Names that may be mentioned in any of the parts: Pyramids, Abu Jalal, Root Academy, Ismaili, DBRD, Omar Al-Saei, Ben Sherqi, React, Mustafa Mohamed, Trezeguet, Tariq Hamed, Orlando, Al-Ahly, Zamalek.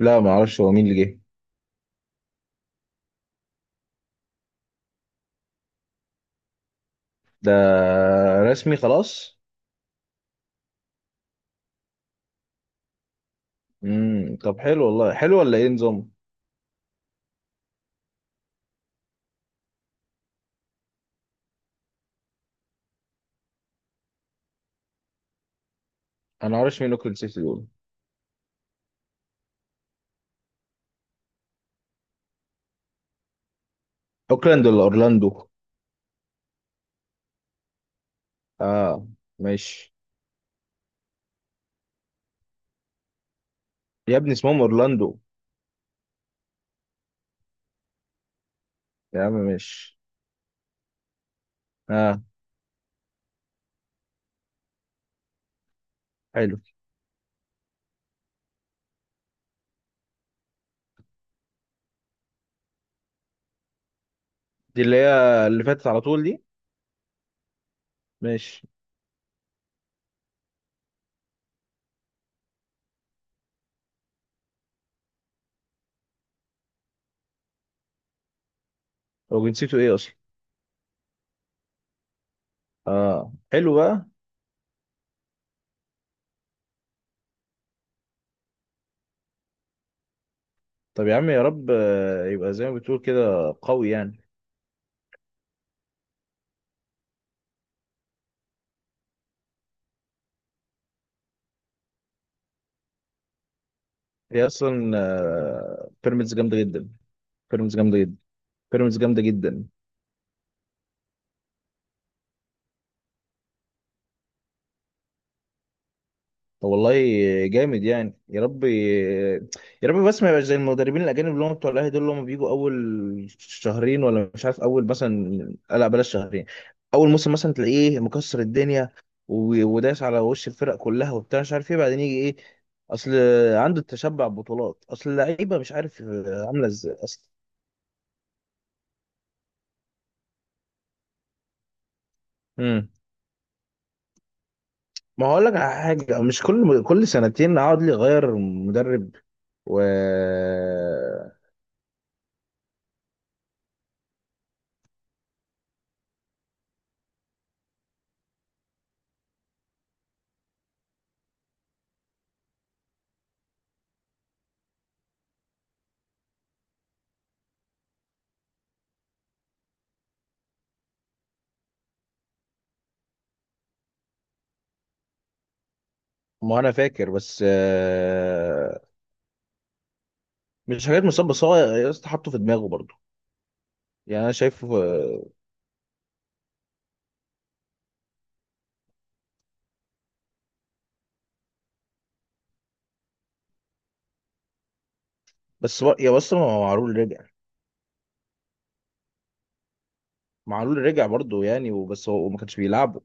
لا، ما اعرفش هو مين اللي جه. ده رسمي خلاص؟ طب حلو والله، حلو ولا ايه نظام؟ انا ما اعرفش مين اوكلاند سيتي دول. اوكلاند ولا اورلاندو؟ اه، ماشي. يا ابني اسمهم اورلاندو. يا عم، ماشي. اه، حلو. دي اللي هي اللي فاتت على طول دي. ماشي. هو جنسيته ايه اصلا؟ اه، حلو بقى. طب يا عم، يا رب يبقى زي ما بتقول كده قوي يعني. هي اصلا بيراميدز جامده جدا. بيراميدز جامده جدا. بيراميدز جامده جدا. طب والله، جامد يعني، يا رب يا رب، بس ما يبقاش زي المدربين الاجانب اللي هم بتوع الاهلي دول، اللي هم بيجوا اول شهرين ولا مش عارف، اول مثلا، لا بلاش شهرين، اول موسم مثلا تلاقيه، إيه، مكسر الدنيا وداس على وش الفرق كلها، وبتاع مش عارف ايه، بعدين يجي ايه؟ اصل عنده التشبع بطولات، اصل اللعيبه مش عارف عامله ازاي اصلا. ما هقول لك على حاجه، مش كل سنتين اقعد لي اغير مدرب. و ما انا فاكر بس مش حاجات مصاب، بس هو يا اسطى حاطه في دماغه برضه. يعني انا شايفه بس يا بس، ما هو معلول رجع. معلول رجع برضه يعني، وبس هو ما كانش بيلعبه.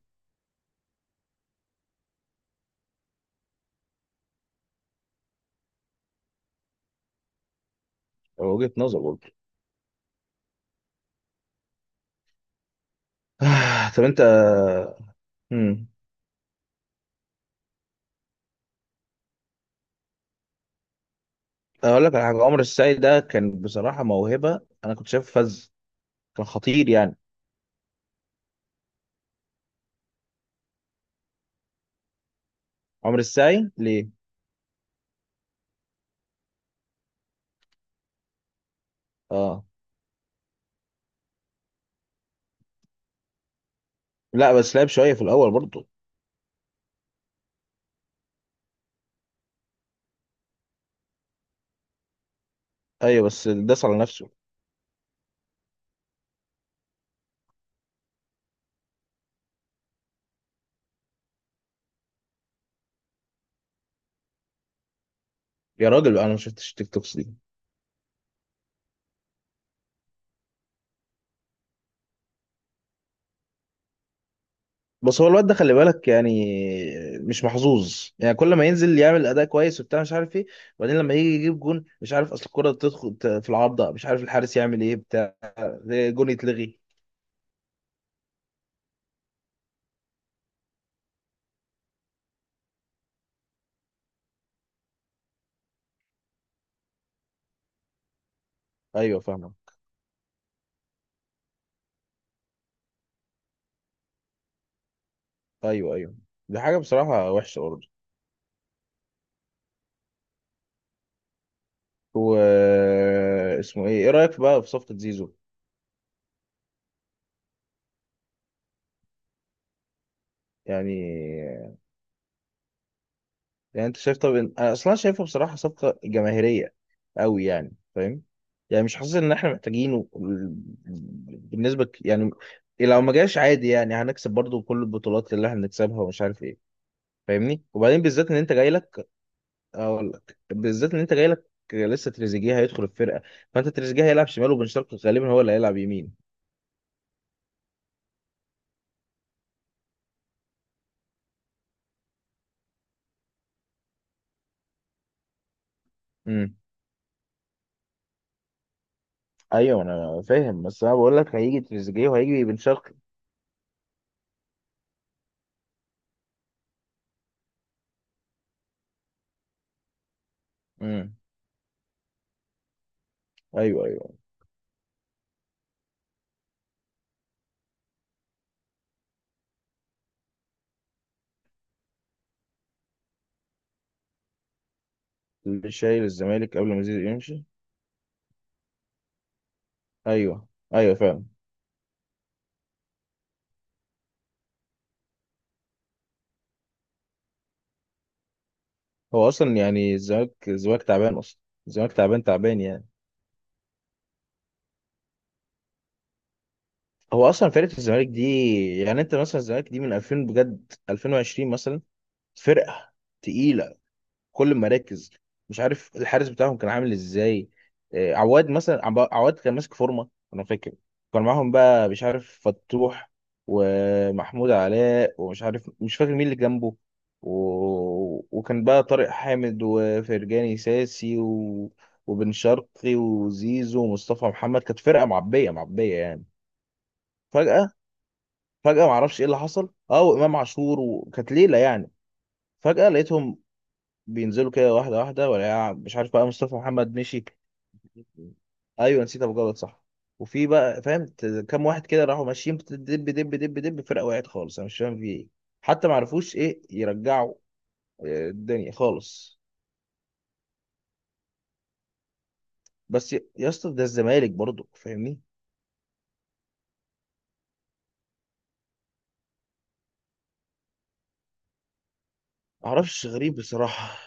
هو وجهة نظر برضه. طب انت، مم. اقول لك على حاجه، عمر السعي ده كان بصراحه موهبه، انا كنت شايفه فذ، كان خطير يعني. عمر السعي ليه؟ اه. لا، بس لعب شويه في الاول برضه. ايوه بس داس على نفسه. يا راجل انا ما شفتش تيك توكس دي. بس هو الواد ده خلي بالك يعني، مش محظوظ يعني، كل ما ينزل يعمل اداء كويس وبتاع مش عارف ايه، وبعدين لما يجي يجيب جون مش عارف اصل الكرة تدخل في العارضة، مش عارف الحارس يعمل ايه، بتاع جون يتلغي. ايوه، فاهمه. ايوه، ايوه، دي حاجه بصراحه وحشه برضه. و اسمه ايه، ايه رايك بقى في صفقه زيزو؟ يعني يعني انت شايف طب، انا اصلا شايفه بصراحه صفقه جماهيريه قوي يعني، فاهم؟ يعني مش حاسس ان احنا محتاجينه بالنسبه يعني، لو ما جاش عادي يعني هنكسب برضو كل البطولات اللي احنا بنكسبها ومش عارف ايه. فاهمني؟ وبعدين بالذات ان انت جاي لك، اقول لك بالذات ان انت جاي لك لسه تريزيجيه هيدخل الفرقه. فانت تريزيجيه هيلعب شمال، وبن شرقي غالبا هو اللي هيلعب يمين. امم ايوه انا فاهم، بس انا بقول لك هيجي تريزيجيه وهيجي بن شرقي. امم ايوه، ايوه، اللي شايل الزمالك قبل ما زيزو يمشي. ايوه، ايوه فعلا. هو اصلا يعني الزمالك الزمالك تعبان اصلا. الزمالك تعبان تعبان يعني. هو اصلا فرقه الزمالك دي، يعني انت مثلا الزمالك دي من 2000، بجد 2020 مثلا، فرقه تقيله، كل ما ركز مش عارف الحارس بتاعهم كان عامل ازاي. عواد مثلا، عواد كان ماسك فورمه انا فاكر، كان معاهم بقى مش عارف فتوح، ومحمود علاء، ومش عارف مش فاكر مين اللي جنبه، و... وكان بقى طارق حامد، وفرجاني ساسي، و... وبن شرقي، وزيزو، ومصطفى محمد، كانت فرقه معبيه معبيه يعني. فجاه، فجاه معرفش ايه اللي حصل، اه وامام عاشور، وكانت ليله يعني، فجاه لقيتهم بينزلوا كده واحدة واحدة، ولا مش عارف بقى مصطفى محمد مشي. ايوه نسيت ابو جلال، صح. وفي بقى فاهم كام واحد كده راحوا ماشيين، دب دب دب دب، فرقه وقعت خالص، انا مش فاهم في ايه، حتى ما عرفوش ايه يرجعوا الدنيا خالص. بس يا اسطى، ده الزمالك برضو، فاهمني؟ معرفش، غريب بصراحه.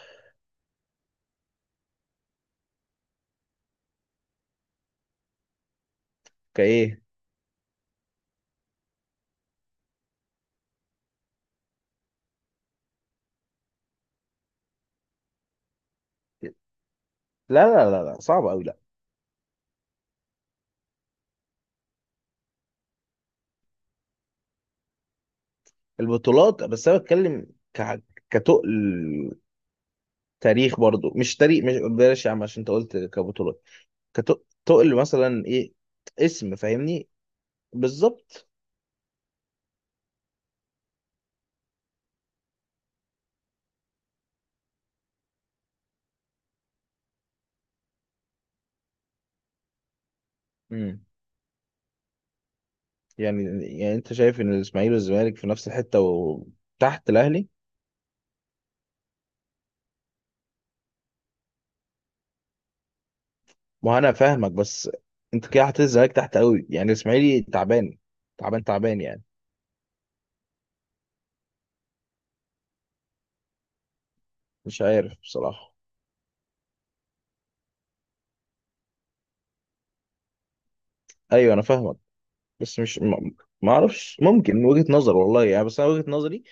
كايه. لا لا لا لا، صعب قوي، لا. البطولات بس انا بتكلم، ك كتقل تاريخ برضو، مش تاريخ، مش بلاش يا عم، عشان انت قلت كبطولات، كتقل مثلا ايه، اسم، فاهمني؟ بالظبط. امم يعني يعني انت شايف ان الاسماعيلي والزمالك في نفس الحته وتحت الاهلي؟ ما هو انا فاهمك بس، انت كده حاطط الزمالك تحت قوي يعني، الاسماعيلي تعبان تعبان تعبان يعني. مش عارف بصراحه. ايوه انا فاهمك، بس مش، ما اعرفش ممكن من وجهة نظر والله يعني، بس انا وجهة نظري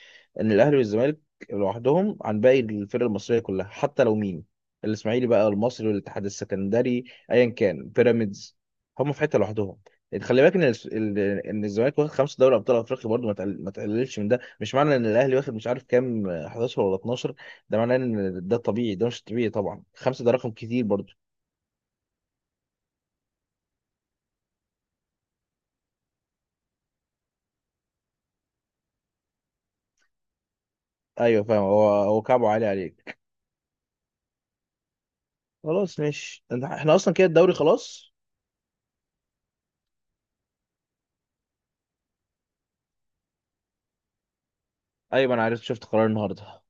ان الاهلي والزمالك لوحدهم عن باقي الفرق المصريه كلها، حتى لو مين الاسماعيلي بقى، المصري، والاتحاد السكندري، ايا كان بيراميدز، هم في حته لوحدهم. يعني خلي بالك ان الزمالك واخد 5 دوري ابطال افريقيا برضه، ما تقللش من ده، مش معنى ان الاهلي واخد مش عارف كام 11 ولا 12، ده معناه ان ده طبيعي، ده مش طبيعي طبعا، 5 ده رقم كتير برضه. ايوه فاهم، هو هو كعبه عالي عليك. خلاص ماشي، احنا اصلا كده الدوري خلاص. ايوه انا عرفت، شفت قرار النهارده.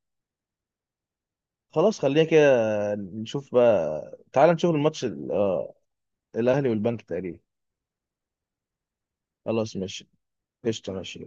خلاص خلينا كده، نشوف بقى. تعال نشوف الماتش الاهلي والبنك تقريبا. خلاص، ماشي قشطه، ماشي.